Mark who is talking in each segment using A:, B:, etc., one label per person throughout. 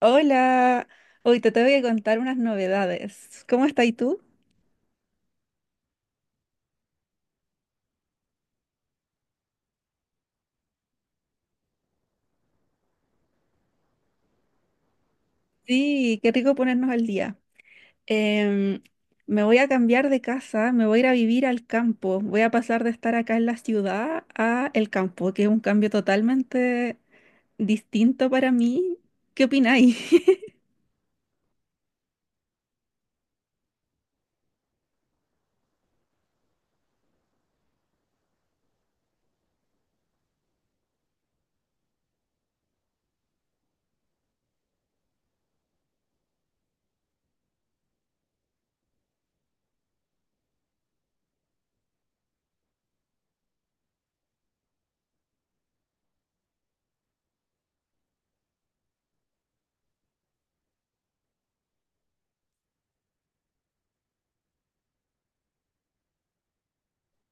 A: Hola, hoy te tengo que contar unas novedades. ¿Cómo estás tú? Sí, qué rico ponernos al día. Em, Me voy a cambiar de casa, me voy a ir a vivir al campo. Voy a pasar de estar acá en la ciudad a el campo, que es un cambio totalmente distinto para mí. ¿Qué opináis?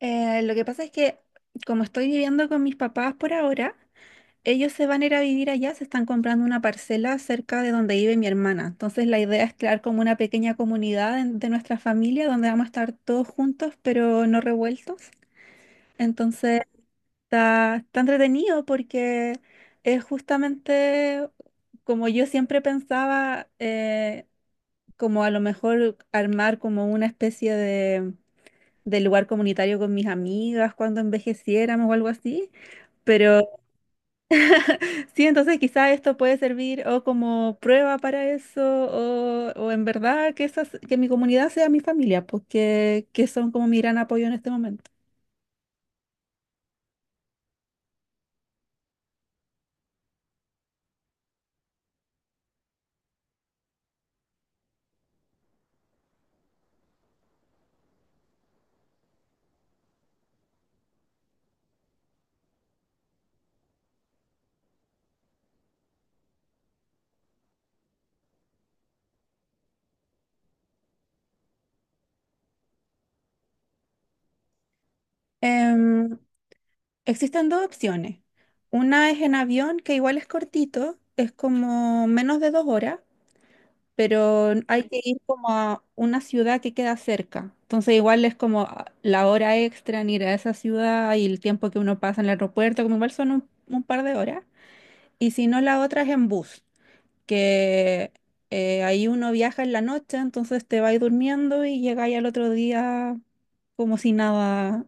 A: Lo que pasa es que como estoy viviendo con mis papás por ahora, ellos se van a ir a vivir allá, se están comprando una parcela cerca de donde vive mi hermana. Entonces la idea es crear como una pequeña comunidad de nuestra familia donde vamos a estar todos juntos, pero no revueltos. Entonces está entretenido porque es justamente como yo siempre pensaba, como a lo mejor armar como una especie de lugar comunitario con mis amigas cuando envejeciéramos o algo así. Pero sí, entonces quizá esto puede servir o como prueba para eso, o en verdad que, que mi comunidad sea mi familia, porque que son como mi gran apoyo en este momento. Em, Existen dos opciones. Una es en avión, que igual es cortito, es como menos de 2 horas, pero hay que ir como a una ciudad que queda cerca. Entonces igual es como ah, la hora extra en ir a esa ciudad y el tiempo que uno pasa en el aeropuerto, como igual son un par de horas. Y si no, la otra es en bus, que ahí uno viaja en la noche, entonces te vas durmiendo y llegáis al otro día como si nada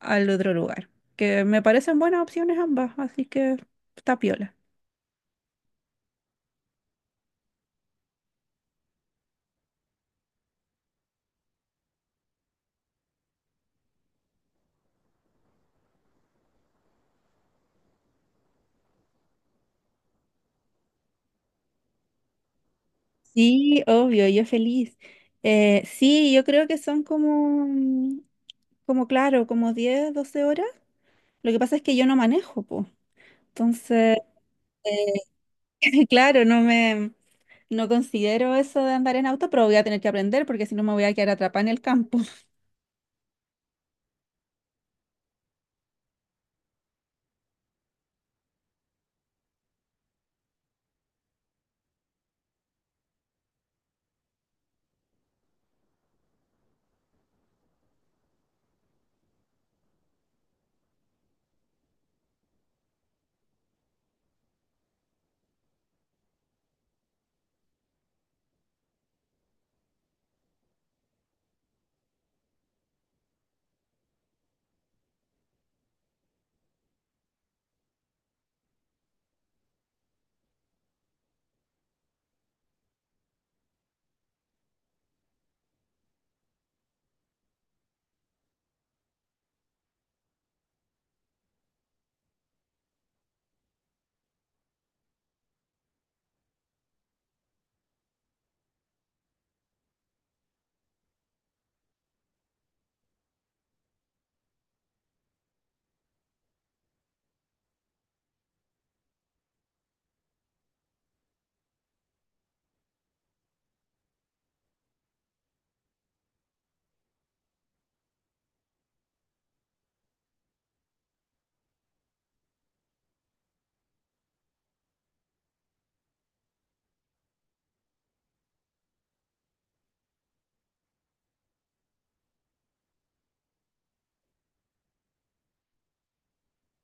A: al otro lugar. Que me parecen buenas opciones ambas, así que está piola. Sí, obvio, yo feliz. Sí, yo creo que son como, mm, como claro, como 10, 12 horas. Lo que pasa es que yo no manejo, pues. Entonces, claro, no me, no considero eso de andar en auto, pero voy a tener que aprender porque si no me voy a quedar atrapada en el campo.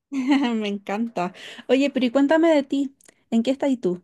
A: Me encanta. Oye, pero y cuéntame de ti, ¿en qué estás tú?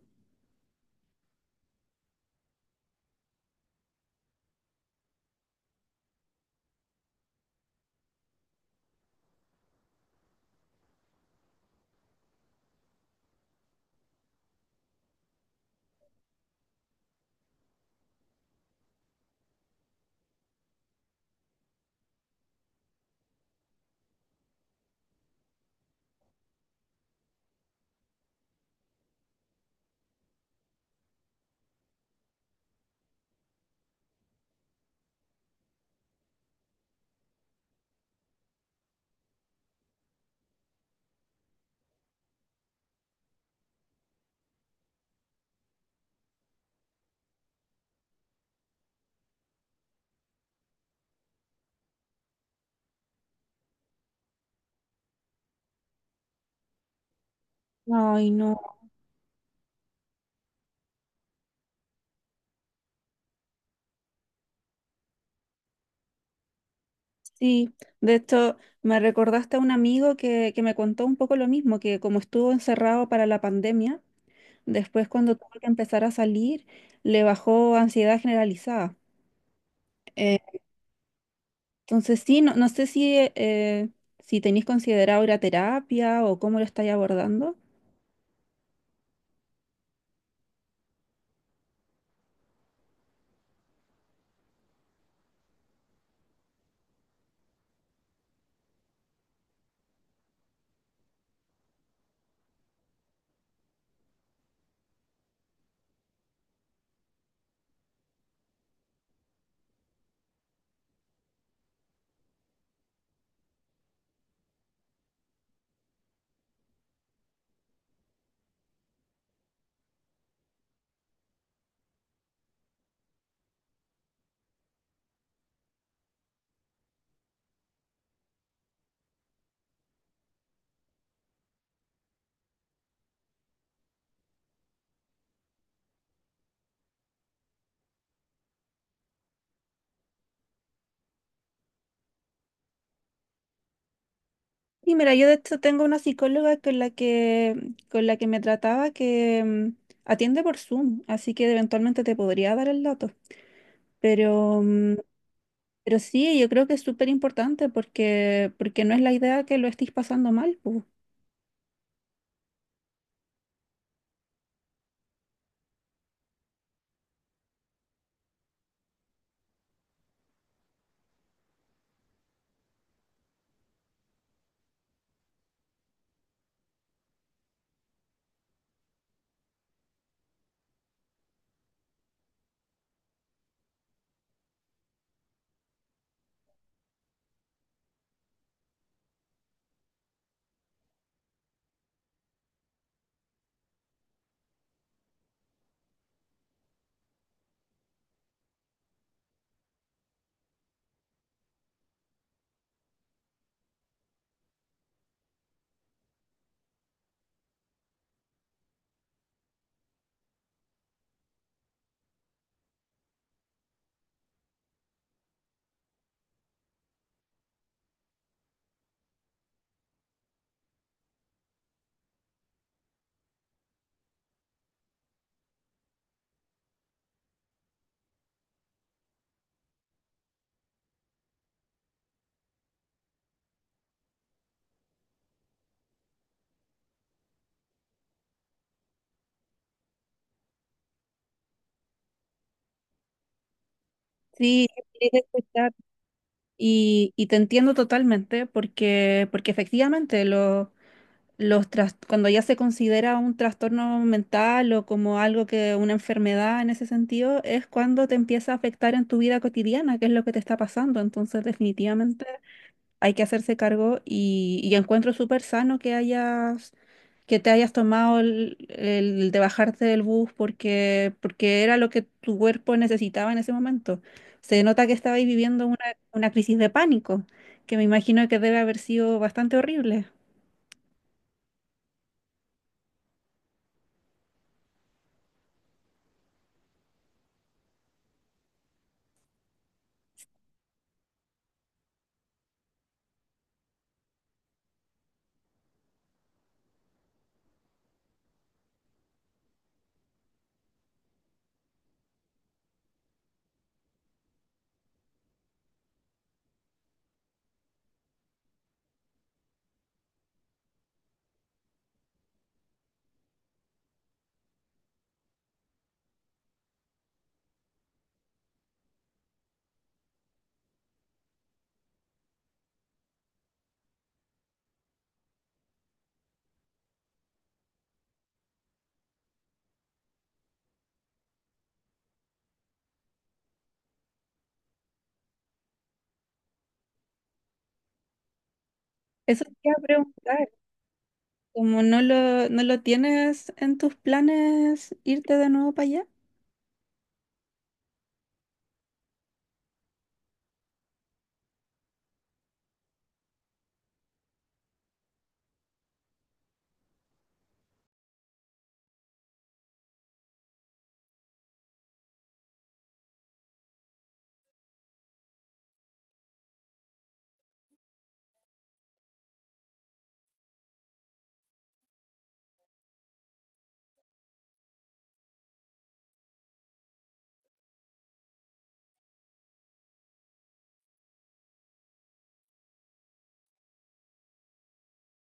A: Ay, no. Sí, de hecho, me recordaste a un amigo que me contó un poco lo mismo, que como estuvo encerrado para la pandemia, después cuando tuvo que empezar a salir, le bajó ansiedad generalizada. Eh, entonces, sí, no, no sé si, si tenéis considerado ir a terapia o cómo lo estáis abordando. Y mira, yo de hecho tengo una psicóloga con la que me trataba que mm, atiende por Zoom, así que eventualmente te podría dar el dato. Pero, mm, pero sí, yo creo que es súper importante porque, porque no es la idea que lo estés pasando mal. Pu. Sí, tienes que escuchar. Y te entiendo totalmente porque, porque efectivamente lo... cuando ya se considera un trastorno mental o como algo que una enfermedad en ese sentido, es cuando te empieza a afectar en tu vida cotidiana, que es lo que te está pasando. Entonces, definitivamente hay que hacerse cargo y encuentro súper sano que hayas, que te hayas tomado el de bajarte del bus porque, porque era lo que tu cuerpo necesitaba en ese momento. Se nota que estabais viviendo una crisis de pánico, que me imagino que debe haber sido bastante horrible. Eso te iba a preguntar. Como no lo, no lo tienes en tus planes irte de nuevo para allá.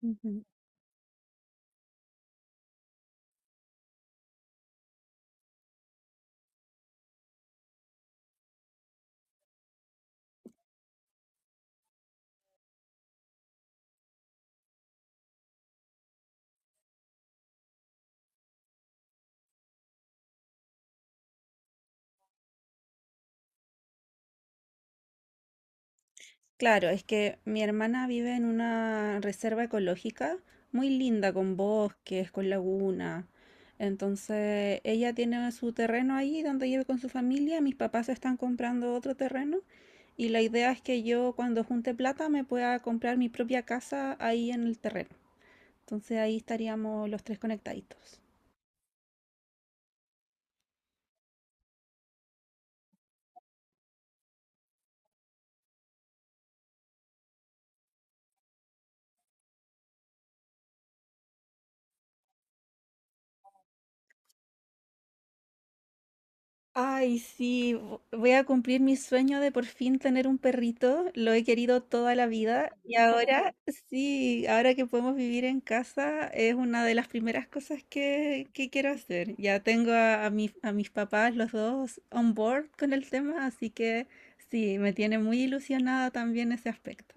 A: Ujú. Claro, es que mi hermana vive en una reserva ecológica muy linda, con bosques, con laguna. Entonces, ella tiene su terreno ahí donde vive con su familia. Mis papás están comprando otro terreno y la idea es que yo cuando junte plata me pueda comprar mi propia casa ahí en el terreno. Entonces, ahí estaríamos los tres conectaditos. Ay, sí, voy a cumplir mi sueño de por fin tener un perrito. Lo he querido toda la vida y ahora, sí, ahora que podemos vivir en casa es una de las primeras cosas que quiero hacer. Ya tengo a a mis papás, los dos, on board con el tema, así que sí, me tiene muy ilusionada también ese aspecto.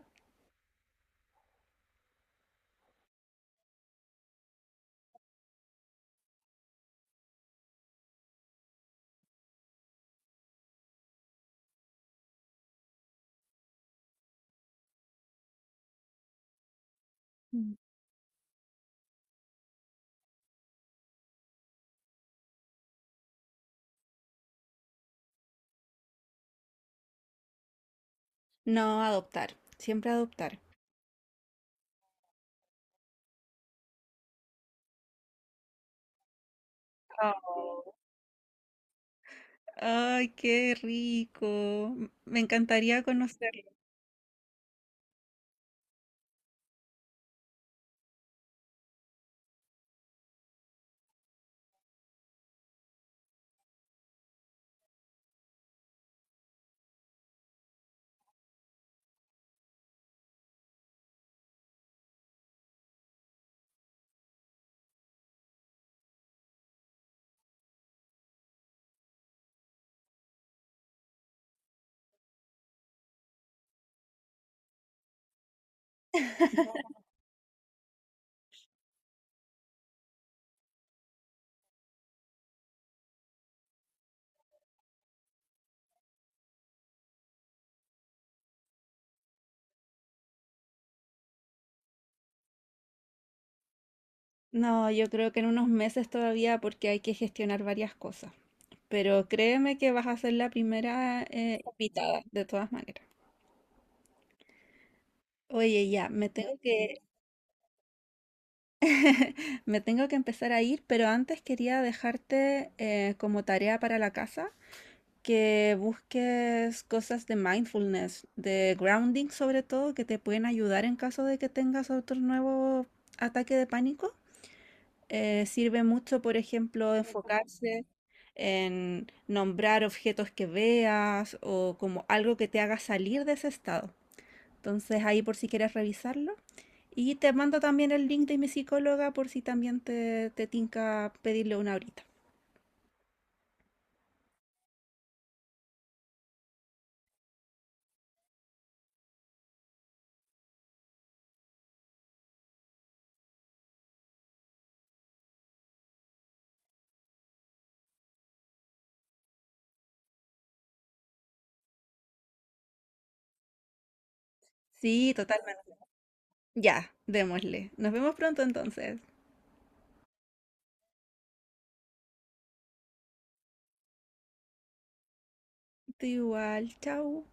A: Mm. No, adoptar, siempre adoptar. Oh. Ay, qué rico. Me encantaría conocer. No, yo creo que en unos meses todavía porque hay que gestionar varias cosas. Pero créeme que vas a ser la primera invitada, de todas maneras. Oye, ya, me tengo que empezar a ir, pero antes quería dejarte como tarea para la casa que busques cosas de mindfulness, de grounding sobre todo, que te pueden ayudar en caso de que tengas otro nuevo ataque de pánico. Sirve mucho, por ejemplo, enfocarse en nombrar objetos que veas o como algo que te haga salir de ese estado. Entonces ahí por si quieres revisarlo. Y te mando también el link de mi psicóloga por si también te tinca pedirle una horita. Sí, totalmente. Ya, démosle. Nos vemos pronto entonces. Tú igual, chao.